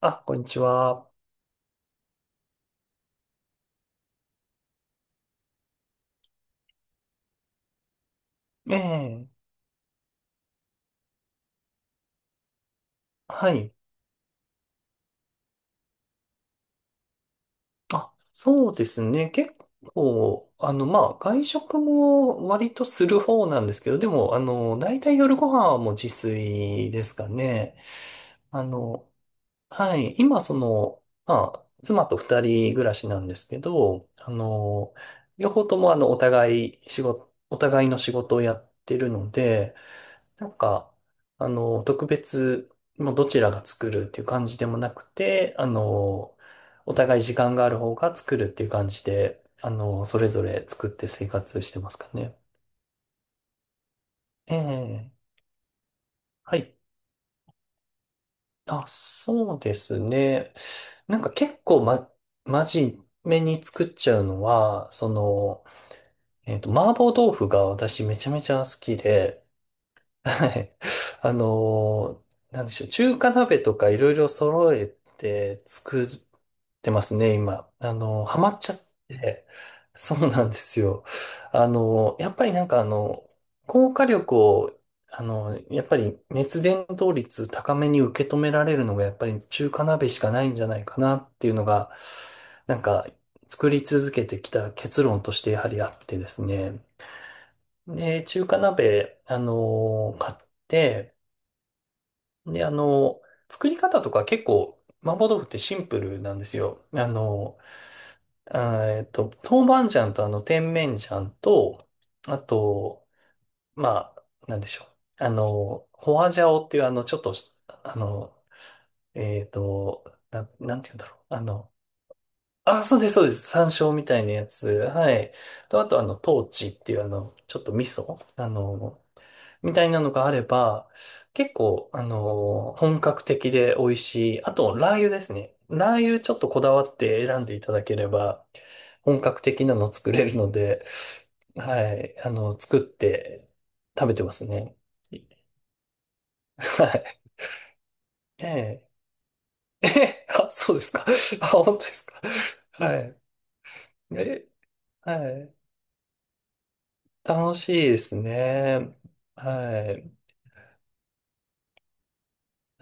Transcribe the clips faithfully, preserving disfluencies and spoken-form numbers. あ、こんにちは。ええ、はい。あ、そうですね。結構、あの、まあ、外食も割とする方なんですけど、でも、あの、大体夜ご飯はもう自炊ですかね。あの、はい。今、その、まあ、妻とふたりぐらしなんですけど、あの、両方とも、あの、お互い仕事、お互いの仕事をやってるので、なんか、あの、特別、もうどちらが作るっていう感じでもなくて、あの、お互い時間がある方が作るっていう感じで、あの、それぞれ作って生活してますかね。ええ、はい。あ、そうですね。なんか結構ま、真面目に作っちゃうのは、その、えっと、麻婆豆腐が私めちゃめちゃ好きで、はい。あのーなんでしょう。中華鍋とかいろいろ揃えて作ってますね、今。あのーハマっちゃって。そうなんですよ。あのーやっぱりなんかあの、高火力を、あのーやっぱり熱伝導率高めに受け止められるのがやっぱり中華鍋しかないんじゃないかなっていうのが、なんか作り続けてきた結論としてやはりあってですね。で、中華鍋、あのー買って、で、あの、作り方とか結構、麻婆豆腐ってシンプルなんですよ。あの、あーえっと、豆板醤とあの、甜麺醤と、あと、まあ、なんでしょう。あの、ホワジャオっていうあの、ちょっとし、あの、えっと、な、なんて言うんだろう。あの、あ、そうです、そうです。山椒みたいなやつ。はい。と、あとあの、トーチっていうあの、ちょっと味噌。あの、みたいなのがあれば、結構、あのー本格的で美味しい。あと、ラー油ですね。ラー油ちょっとこだわって選んでいただければ、本格的なの作れるので、はい、あの、作って食べてますね。はい。ええ。えあ、そうですか。あ、本当ですか。はい。え、はい。楽しいですね。はい。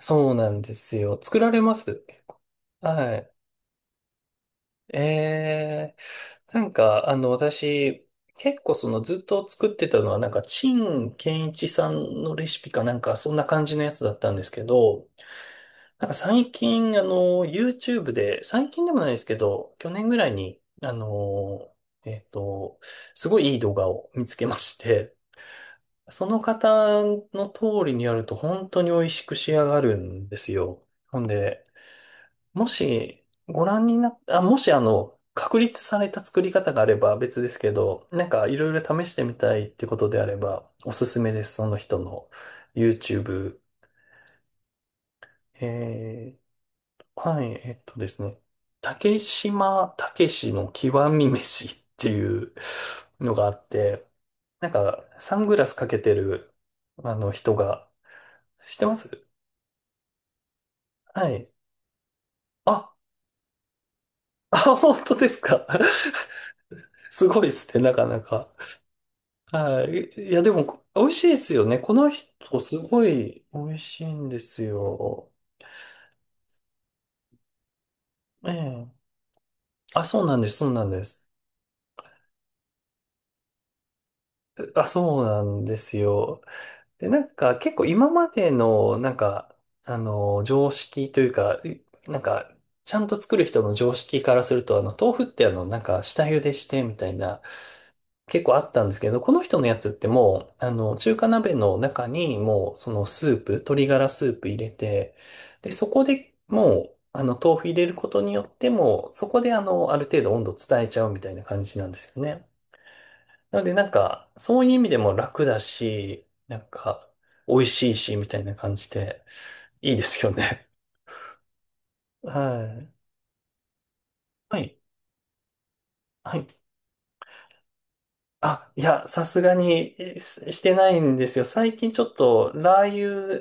そうなんですよ。作られます結構？はい。ええ。なんか、あの、私、結構そのずっと作ってたのは、なんか、陳建一さんのレシピかなんか、そんな感じのやつだったんですけど、なんか最近、あの、YouTube で、最近でもないですけど、去年ぐらいに、あの、えっと、すごいいい動画を見つけまして、その方の通りにやると本当に美味しく仕上がるんですよ。ほんで、もし、ご覧になっあ、もし、あの、確立された作り方があれば別ですけど、なんかいろいろ試してみたいってことであれば、おすすめです。その人の YouTube。えー、はい、えっとですね。竹島武しの極み飯っていうのがあって、なんかサングラスかけてるあの人が、知ってます？はい。あ、あ、本当ですか。すごいっすね、なかなか。はい。いや、でも、美味しいですよね。この人、すごい美味しいんですよ。ええ。あ、そうなんです、そうなんです。あ、そうなんですよ。で、なんか、結構今までの、なんか、あの、常識というか、いなんか、ちゃんと作る人の常識からすると、あの、豆腐ってあの、なんか、下茹でしてみたいな、結構あったんですけど、この人のやつってもう、あの、中華鍋の中にもう、そのスープ、鶏ガラスープ入れて、で、そこでもう、あの、豆腐入れることによっても、そこであの、ある程度温度伝えちゃうみたいな感じなんですよね。なので、なんか、そういう意味でも楽だし、なんか、美味しいし、みたいな感じで、いいですよね。はい。はい。はい。あ、いや、さすがにえししてないんですよ。最近ちょっとラー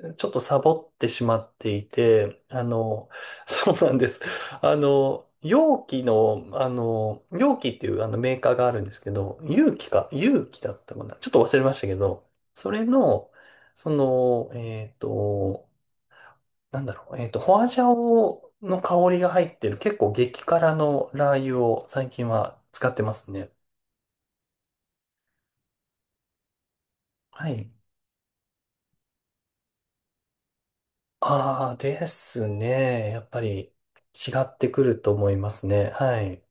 油、ちょっとサボってしまっていて、あの、そうなんです。あの、容器の、あの、容器っていうあのメーカーがあるんですけど、容器か、容器だったかな。ちょっと忘れましたけど、それの、その、えっと、なんだろう、えっと、ホアジャオの香りが入ってる結構激辛のラー油を最近は使ってますね。はい。ああ、ですね。やっぱり違ってくると思いますね。はい。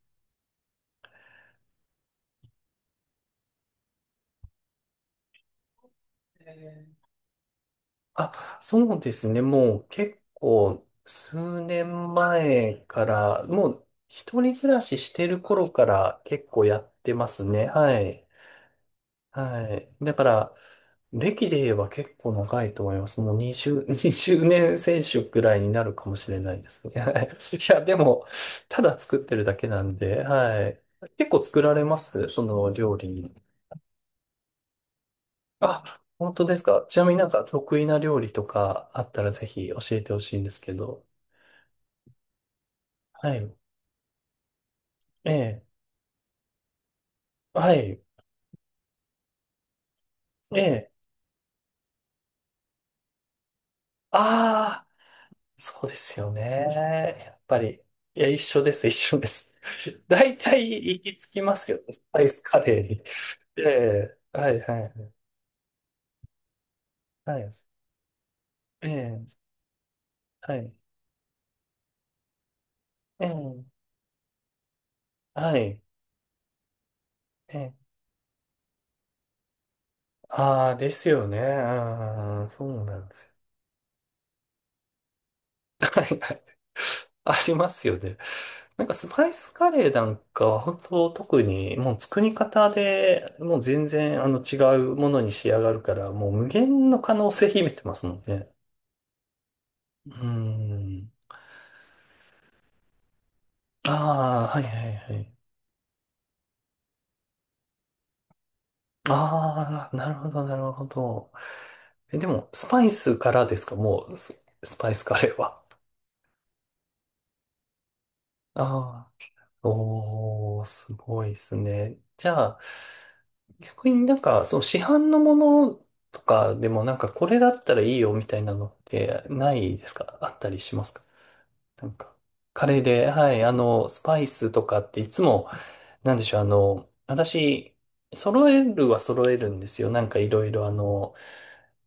あ、そうですね。もう結構数年前から、もう一人暮らししてる頃から結構やってますね。はい。はい。だから、歴で言えば結構長いと思います。もうにじゅう、にじゅうねん選手くらいになるかもしれないですね。いや、でも、ただ作ってるだけなんで、はい。結構作られますその料理？あ、本当ですか。ちなみになんか得意な料理とかあったらぜひ教えてほしいんですけど。はい。ええ。はい。ええ。ああ、そうですよね。やっぱり。いや、一緒です、一緒です。大体行き着きますよね。スパイスカレーに。ええ。はい、はい、はい。ええ。はい。ええ。はい。ええ。ああ、ですよね。うん、そうなんですよ。はいはい。ありますよね。なんかスパイスカレーなんかは本当特にもう作り方でもう全然あの違うものに仕上がるからもう無限の可能性秘めてますもんね。うーん。ああ、はいはいはい。ああ、なるほどなるほど。え、でもスパイスからですか？もうス、スパイスカレーは。ああ。おー、すごいですね。じゃあ、逆になんか、そう、市販のものとかでもなんか、これだったらいいよみたいなのってないですか？あったりしますか？なんか、カレーで、はい、あの、スパイスとかっていつも、なんでしょう、あの、私、揃えるは揃えるんですよ。なんかいろいろあの、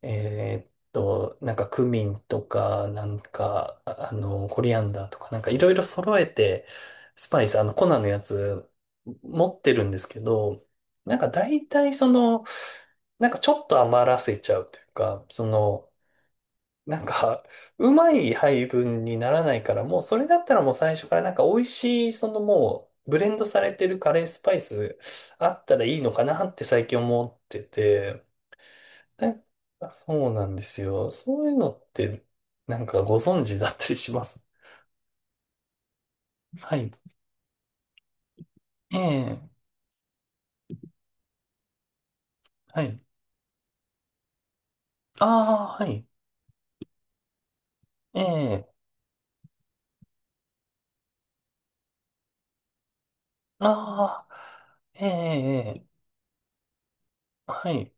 えーっと、なんかクミンとか、なんか、ああの、コリアンダーとか、なんかいろいろ揃えて、スパイス、あの、粉のやつ持ってるんですけど、なんか大体その、なんかちょっと余らせちゃうというか、その、なんか、うまい配分にならないから、もうそれだったらもう最初からなんか美味しい、そのもう、ブレンドされてるカレースパイスあったらいいのかなって最近思ってて、なんかそうなんですよ。そういうのって、なんかご存知だったりします？はい。ええ、はい。ああ、はい。ええ、ああ、ええ、ええ。はい。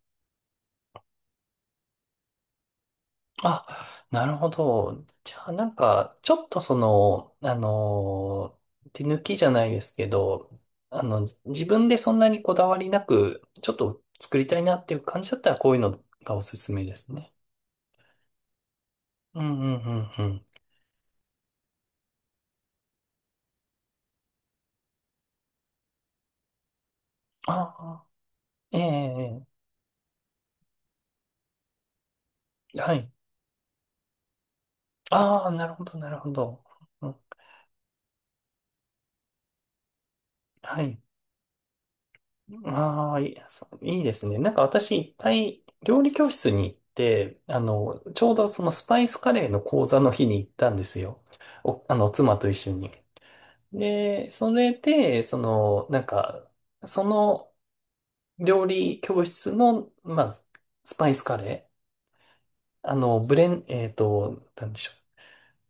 あ、なるほど。じゃあ、なんか、ちょっとその、あのー、手抜きじゃないですけど、あの、じ自分でそんなにこだわりなく、ちょっと作りたいなっていう感じだったら、こういうのがおすすめですね。うん、うん、うん、うん。ああ、ええ、ええ。はい。ああ、なるほど、なるほど。うん。はい。ああ、いい、そういいですね。なんか私、いっかい、料理教室に行って、あの、ちょうどそのスパイスカレーの講座の日に行ったんですよ。お、あの、妻と一緒に。で、それで、その、なんか、その料理教室の、まあ、スパイスカレー、あの、ブレン、えっと、なんでしょ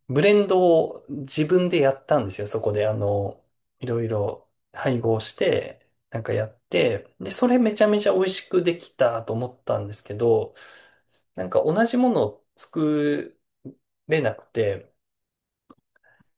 う。ブレンドを自分でやったんですよ。そこで、あの、いろいろ配合して、なんかやって、で、それめちゃめちゃ美味しくできたと思ったんですけど、なんか同じものを作れなくて、